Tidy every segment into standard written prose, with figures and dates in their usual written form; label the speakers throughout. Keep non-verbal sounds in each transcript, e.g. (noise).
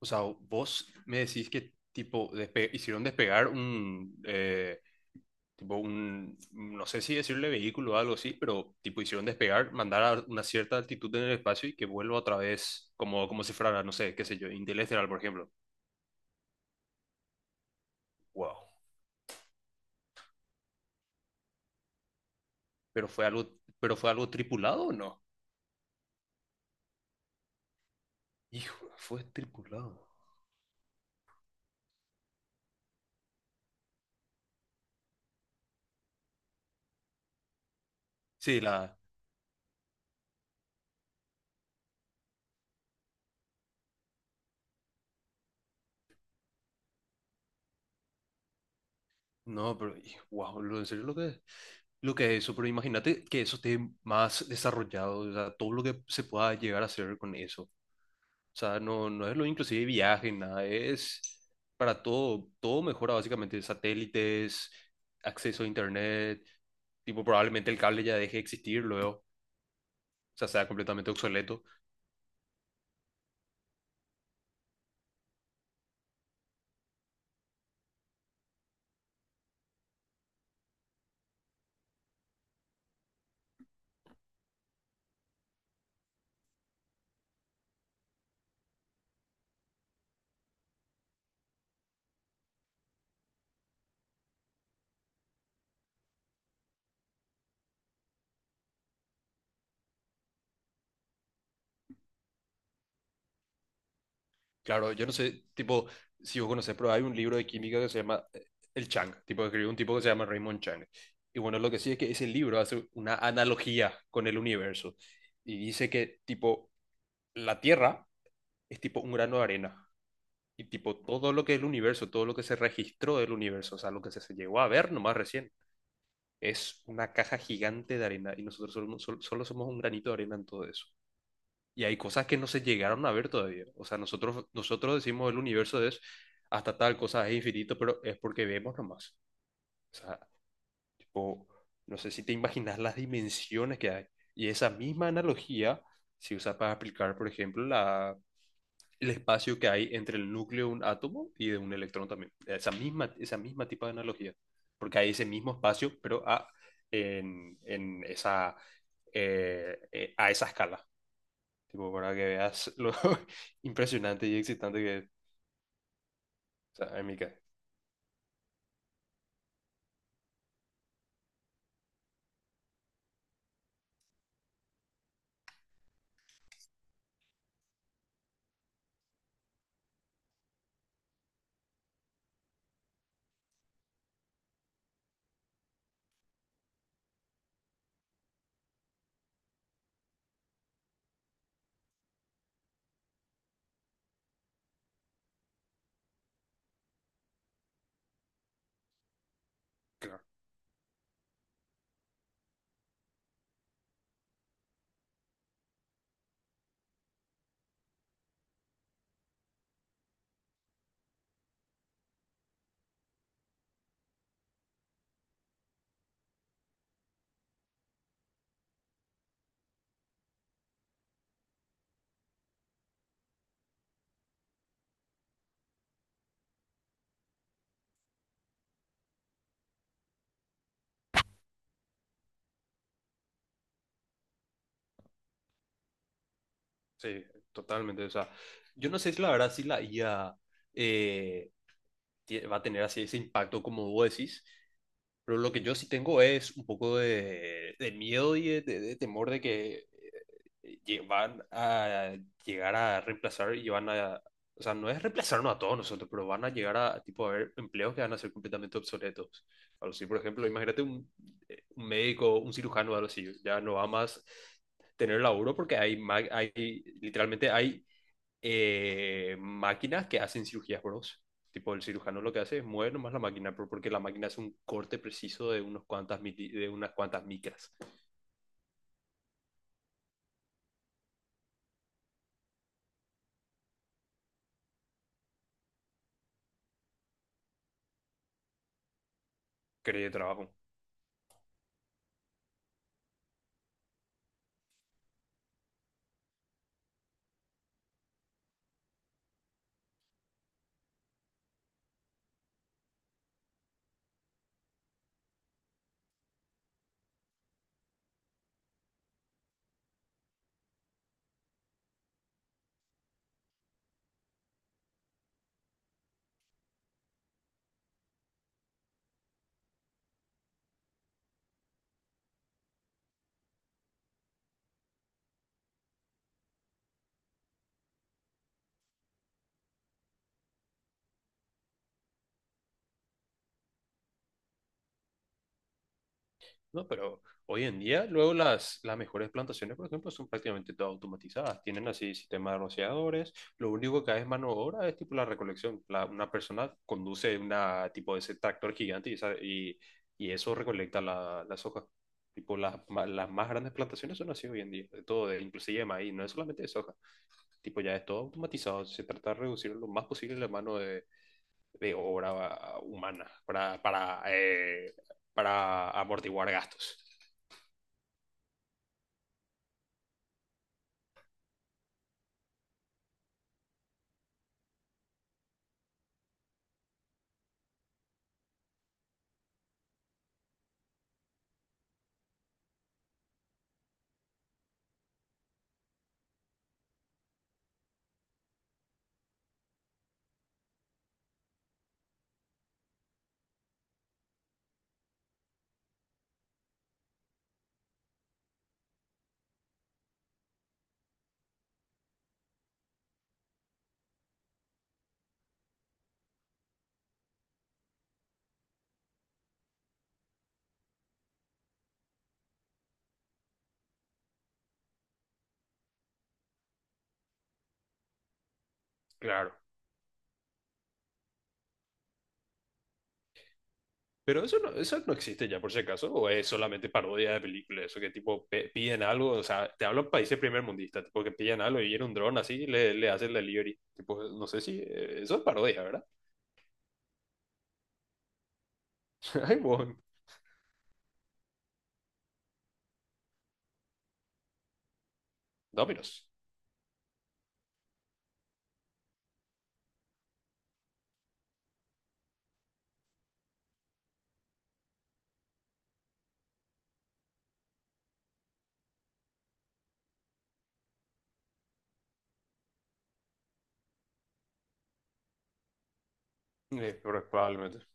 Speaker 1: O sea, vos me decís que tipo hicieron despegar un tipo un, no sé si decirle vehículo o algo así, pero tipo hicieron despegar, mandar a una cierta altitud en el espacio y que vuelva otra vez como si fuera, no sé, qué sé yo, Interestelar, por ejemplo. Wow. Pero fue algo pero fue algo tripulado o no? Hijo, fue tripulado. Sí, la no, pero wow, en serio lo que. Lo que es eso, pero imagínate que eso esté más desarrollado, o sea, todo lo que se pueda llegar a hacer con eso. O sea, no, no es lo inclusive viaje, nada, es para todo, todo mejora básicamente, satélites, acceso a internet, tipo probablemente el cable ya deje de existir luego, o sea, sea completamente obsoleto. Claro, yo no sé, tipo, si vos conocés, pero hay un libro de química que se llama El Chang, tipo, escribió un tipo que se llama Raymond Chang. Y bueno, lo que sí es que ese libro hace una analogía con el universo y dice que, tipo, la Tierra es tipo un grano de arena. Y tipo, todo lo que es el universo, todo lo que se registró del universo, o sea, lo que se llegó a ver nomás recién, es una caja gigante de arena y nosotros solo, no, solo somos un granito de arena en todo eso. Y hay cosas que no se llegaron a ver todavía. O sea, nosotros decimos el universo es hasta tal cosa es infinito, pero es porque vemos nomás. O sea, tipo, no sé si te imaginas las dimensiones que hay. Y esa misma analogía se usa para aplicar, por ejemplo, la el espacio que hay entre el núcleo de un átomo y de un electrón también. Esa misma tipo de analogía. Porque hay ese mismo espacio, pero a, en esa, a esa escala. Tipo, para que veas lo (laughs) impresionante y excitante que es. O sea, en mi caso, claro, sí, totalmente. O sea, yo no sé si la verdad si la IA eh, va a tener así ese impacto como vos decís. Pero lo que yo sí tengo es un poco de miedo y de, de temor de que van a llegar a reemplazar y van a... O sea, no es reemplazarnos a todos nosotros, pero van a llegar a, tipo, a haber empleos que van a ser completamente obsoletos. Algo así, por ejemplo, imagínate un médico, un cirujano, algo así, ya no va más tener laburo porque hay, hay literalmente hay máquinas que hacen cirugías, bros. Tipo, el cirujano lo que hace es mover nomás la máquina, pero porque la máquina hace un corte preciso de, unos cuantas de unas cuantas micras. Creo de trabajo. No, pero hoy en día, luego las mejores plantaciones, por ejemplo, son prácticamente todas automatizadas. Tienen así sistemas de rociadores. Lo único que hay es mano de obra es tipo la recolección. Una persona conduce una tipo de ese tractor gigante y, y eso recolecta la, las hojas. Tipo, las, las más grandes plantaciones son así hoy en día, de todo, de, inclusive de maíz, no es solamente de soja. Tipo, ya es todo automatizado. Se trata de reducir lo más posible la mano de obra ah, humana para amortiguar gastos. Claro. Pero eso no existe ya, por si acaso, o es solamente parodia de películas, eso que tipo piden algo, o sea, te hablo de países primermundistas, tipo que piden algo y en un dron así le, le hacen la delivery. Tipo, no sé si eso es parodia, ¿verdad? (laughs) Ay, bueno, Domino's. Pero probablemente.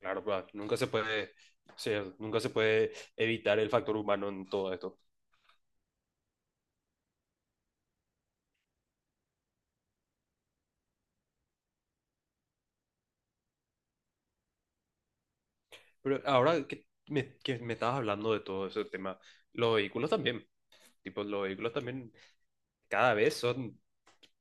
Speaker 1: Claro, claro, nunca se puede, o sea, nunca se puede evitar el factor humano en todo esto. Pero ahora que me estabas hablando de todo ese tema, los vehículos también, tipo, los vehículos también cada vez son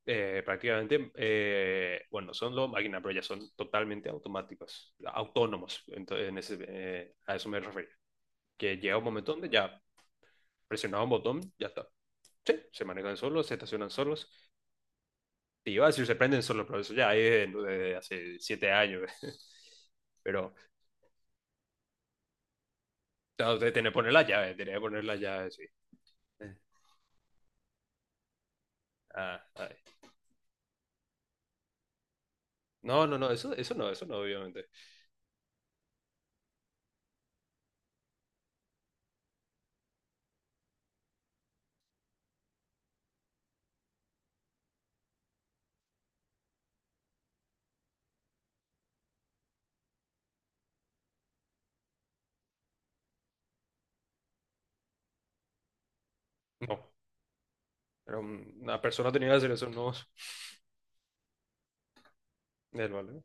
Speaker 1: prácticamente, bueno, son los máquinas, pero ya son totalmente automáticos, autónomos. Entonces, en ese, a eso me refería. Que llega un momento donde ya, presionado un botón, ya está. Sí, se manejan solos, se estacionan solos. Y iba a decir, se prenden solos, pero eso ya es desde hace 7 años. (laughs) pero no, usted tiene que poner la llave, tiene que poner la llave, sí. Ah, ay. No, no, no, eso, eso no, obviamente. No, pero una persona tenía que hacer eso, no. Es malo.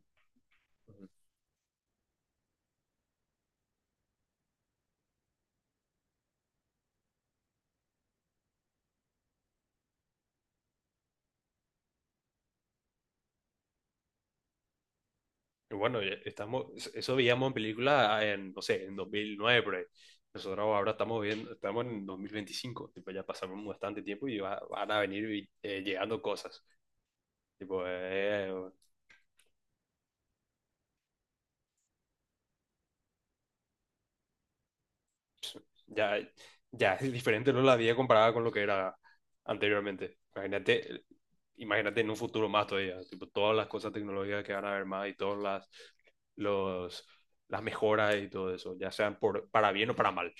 Speaker 1: Bueno, ya estamos, eso veíamos en película ah, en, no sé, en 2009, por ahí. Nosotros ahora estamos viendo, estamos en 2025, tipo, ya pasamos bastante tiempo y van a venir llegando cosas. Tipo, (laughs) ya, ya es diferente, ¿no? La vida comparada con lo que era anteriormente. Imagínate, imagínate en un futuro más todavía, tipo, todas las cosas tecnológicas que van a haber más y todas las, los, las mejoras y todo eso, ya sean por, para bien o para mal.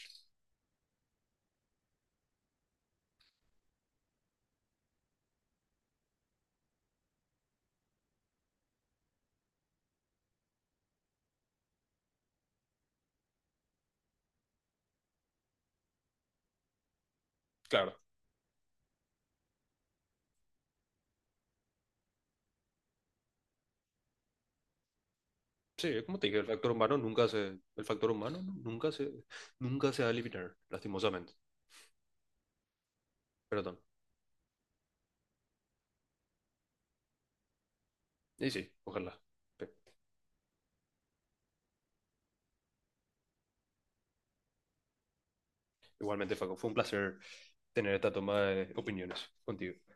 Speaker 1: Claro. Sí, como te dije, el factor humano nunca se, el factor humano nunca se, nunca se va a eliminar, lastimosamente. Perdón. Y sí, ojalá. Pero igualmente, Facu, fue un placer tener esta toma de opiniones contigo.